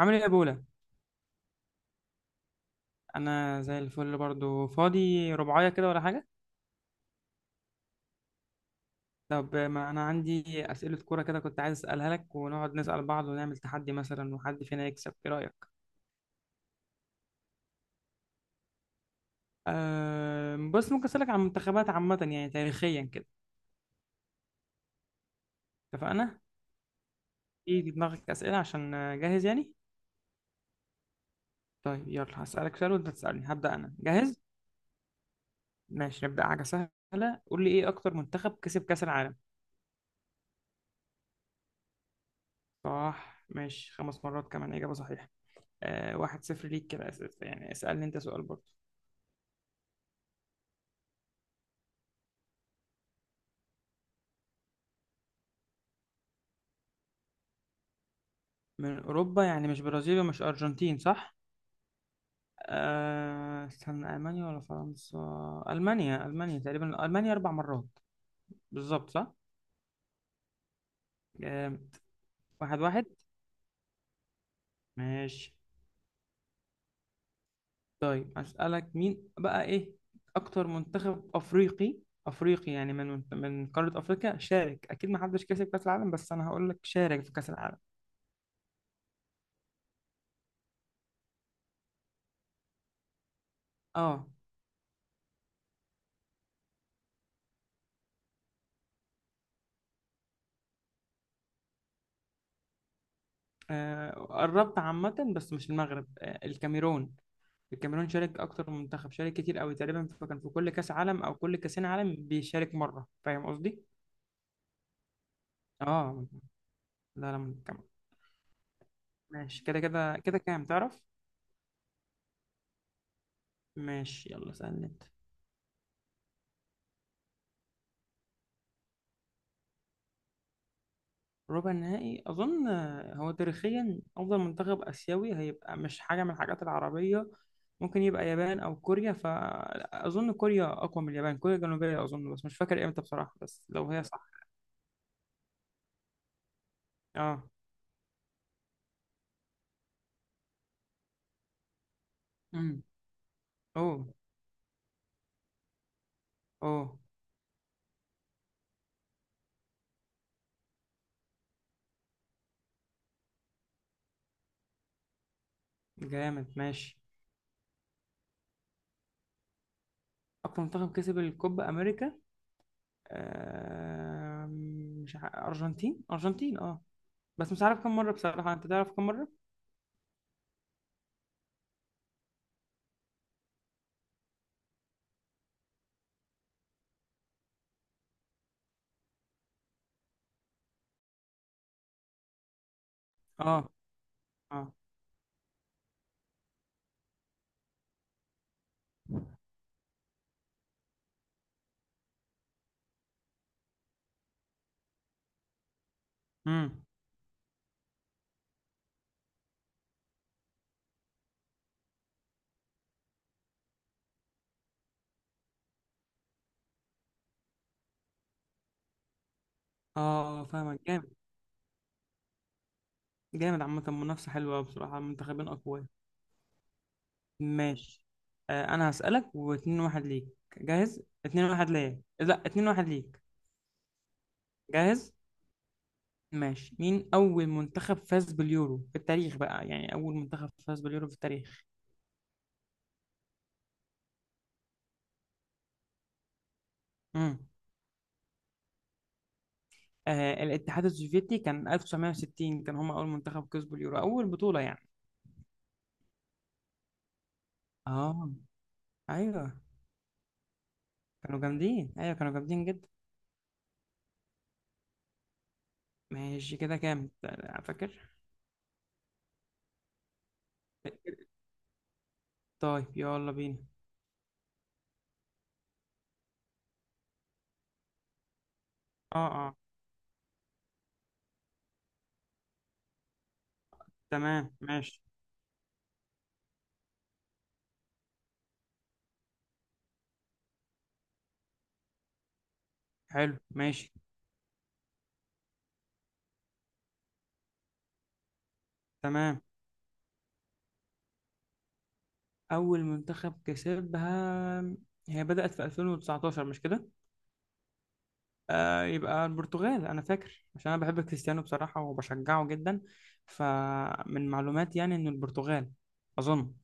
عامل ايه يا بولا؟ انا زي الفل برضو، فاضي رباعية كده ولا حاجة؟ طب ما انا عندي اسئلة كورة كده، كنت عايز اسألها لك ونقعد نسأل بعض ونعمل تحدي مثلا وحد فينا يكسب. ايه رأيك؟ أه بس ممكن اسألك عن منتخبات عامة يعني تاريخيا كده؟ اتفقنا. ايه في دماغك اسئلة عشان جاهز يعني؟ طيب يلا هسألك سؤال وانت تسألني. هبدأ انا، جاهز؟ ماشي نبدأ حاجة سهلة. قول لي ايه اكتر منتخب كسب كأس العالم؟ صح ماشي، 5 مرات كمان، إجابة صحيحة. أه 1-0 ليك كده. أسئلة يعني، اسألني انت سؤال برضو. من أوروبا يعني مش برازيل ومش أرجنتين صح؟ استنى، ألمانيا ولا فرنسا؟ ألمانيا، ألمانيا تقريبا، ألمانيا 4 مرات بالظبط صح؟ آه، 1-1 ماشي. طيب أسألك مين بقى، إيه أكتر منتخب أفريقي؟ أفريقي يعني من قارة أفريقيا شارك، أكيد ما حدش كسب كأس العالم بس أنا هقول لك شارك في كأس العالم. آه. قربت عامة بس مش المغرب. الكاميرون. الكاميرون شارك اكتر من منتخب، شارك كتير قوي، تقريبا فكان في كل كاس عالم او كل كاسين عالم بيشارك مره، فاهم قصدي؟ اه، لا لا منتخب. ماشي كده كده كده كام تعرف؟ ماشي يلا سألني انت. ربع النهائي اظن، هو تاريخيا افضل منتخب اسيوي هيبقى مش حاجه من الحاجات العربيه. ممكن يبقى يابان او كوريا، فاظن كوريا اقوى من اليابان، كوريا الجنوبيه اظن، بس مش فاكر امتى بصراحه، بس لو هي صح. اه. امم. اوه. اوه. جامد ماشي. أقوى منتخب كسب الكوبا أمريكا آم، مش أرجنتين، أرجنتين أه. بس مش عارف كم مرة بصراحة، أنت تعرف كم مرة؟ أه. أه. أمم. أه فاهمك جامد. جامد عامة، منافسة حلوة أوي بصراحة، منتخبين أقوياء. ماشي. آه أنا هسألك، واتنين واحد ليك. جاهز؟ 2-1 ليا، لا 2-1 ليك. جاهز؟ ماشي، مين أول منتخب فاز باليورو في التاريخ بقى، يعني أول منتخب فاز باليورو في التاريخ؟ امم. آه الاتحاد السوفيتي كان 1960، كان هم أول منتخب كسبوا اليورو، أول بطولة يعني. اه أيوه، كانوا جامدين، أيوه كانوا جامدين جدا. ماشي كده كام فاكر؟ طيب يلا بينا. اه اه. تمام ماشي. حلو ماشي. تمام، أول منتخب كسبها، هي بدأت في 2019 مش كده؟ آه يبقى البرتغال، أنا فاكر عشان أنا بحب كريستيانو بصراحة وبشجعه جدا، فمن معلوماتي يعني إنه البرتغال أظن.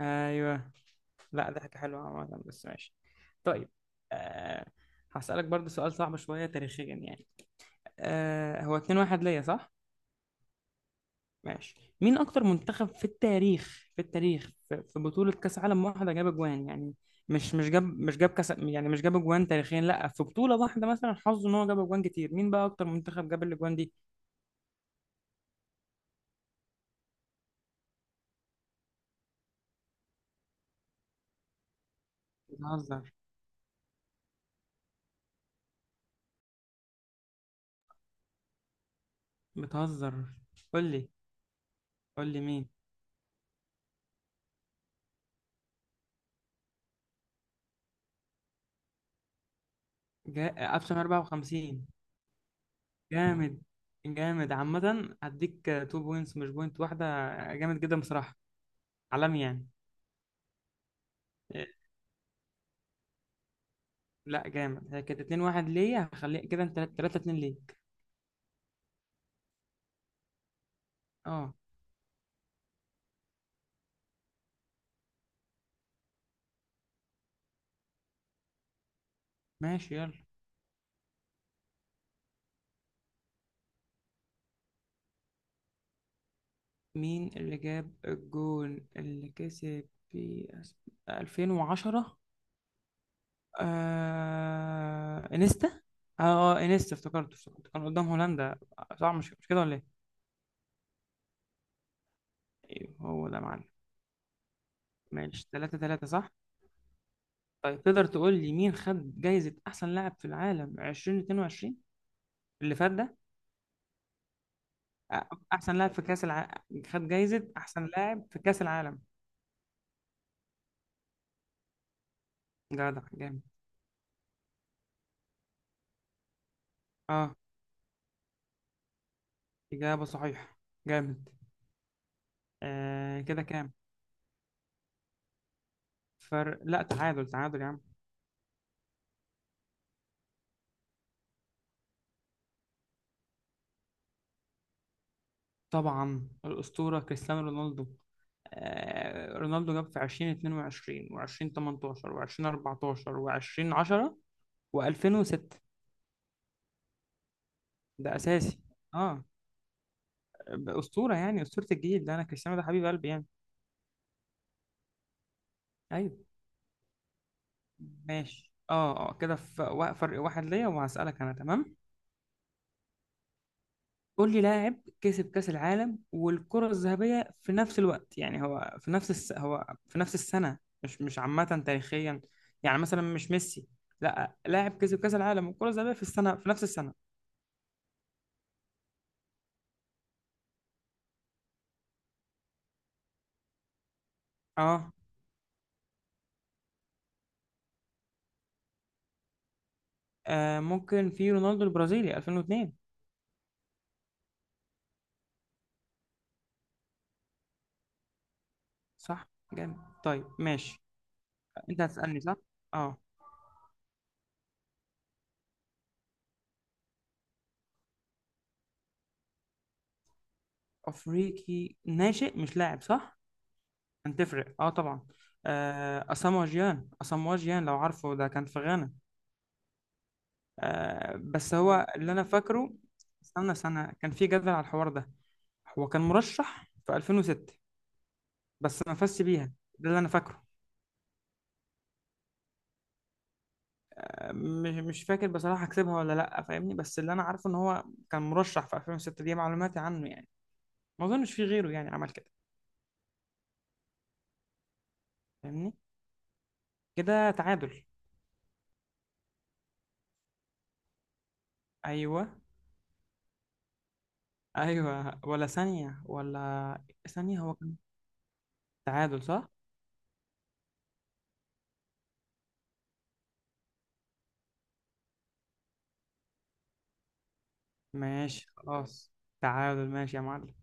أيوه. لا ده حاجة حلوة عامة بس ماشي. طيب. أه هسألك برضو سؤال صعب شوية تاريخيا يعني. أه هو 2-1 ليا صح؟ ماشي، مين أكتر منتخب في التاريخ، في التاريخ، في بطولة كأس عالم واحدة جاب أجوان يعني، مش جاب كأس يعني، مش جاب أجوان تاريخيا لا، في بطولة واحدة مثلا حظه إن هو جاب أجوان كتير، مين بقى أكتر منتخب جاب الأجوان دي؟ بتهزر. بتهزر. قول لي. قول لي مين؟ 1954. جامد. جامد عامة، هديك تو بوينتس مش بوينت واحدة. جامد جدا بصراحة. عالمي يعني. إيه، لا جامد. هي كانت 2-1 ليا، هخليها كده انت 3-2 ليك. اه ماشي يلا. مين اللي جاب الجون اللي كسب في 2010؟ انيستا. اه انيستا، افتكرته افتكرته كان قدام هولندا صح، مش مش كده ولا ايه؟ أيوه، هو ده يا معلم. ماشي، 3-3 صح. طيب تقدر تقول لي مين خد جايزة أحسن لاعب في العالم 2022 اللي فات ده؟ أ- أحسن لاعب في كأس العالم، خد جايزة أحسن لاعب في كأس العالم. جدع جامد. أه إجابة صحيحة. جامد. آه كده كام؟ فرق لا، تعادل تعادل يا عم. طبعا الأسطورة كريستيانو رونالدو. آه رونالدو جاب في 2022 و2018 و2014 و2010 و2006. ده أساسي. أه أسطورة يعني، أسطورة الجيل ده أنا، كريستيانو ده حبيب قلبي يعني. ايوه. ماشي اه اه كده، في فرق واحد ليا، وهسألك انا تمام. قول لي لاعب كسب كأس العالم والكرة الذهبية في نفس الوقت يعني، هو في نفس السنة، مش مش عامة تاريخيا، يعني مثلا مش ميسي، لا لاعب كسب كأس العالم والكرة الذهبية في السنة في نفس السنة. اه, ممكن في رونالدو البرازيلي 2002. صح. جامد. طيب ماشي. انت هتسألني صح. اه. افريقي ناشئ مش لاعب صح؟ كانت تفرق اه طبعا. آه اسامو جيان، اسامو جيان لو عارفه ده كان في غانا. آه بس هو اللي انا فاكره. استنى، سنة كان في جدل على الحوار ده. هو كان مرشح في 2006 بس ما فازش بيها. ده اللي انا فاكره. مش مش فاكر بصراحة كسبها ولا لا فاهمني، بس اللي انا عارفه ان هو كان مرشح في 2006، دي معلوماتي عنه يعني. ما اظنش في غيره يعني عمل كده، فاهمني. كده تعادل. ايوه. ايوه ولا ثانية ولا؟ ثانية هو كان، تعادل صح. ماشي خلاص. تعادل ماشي يا معلم.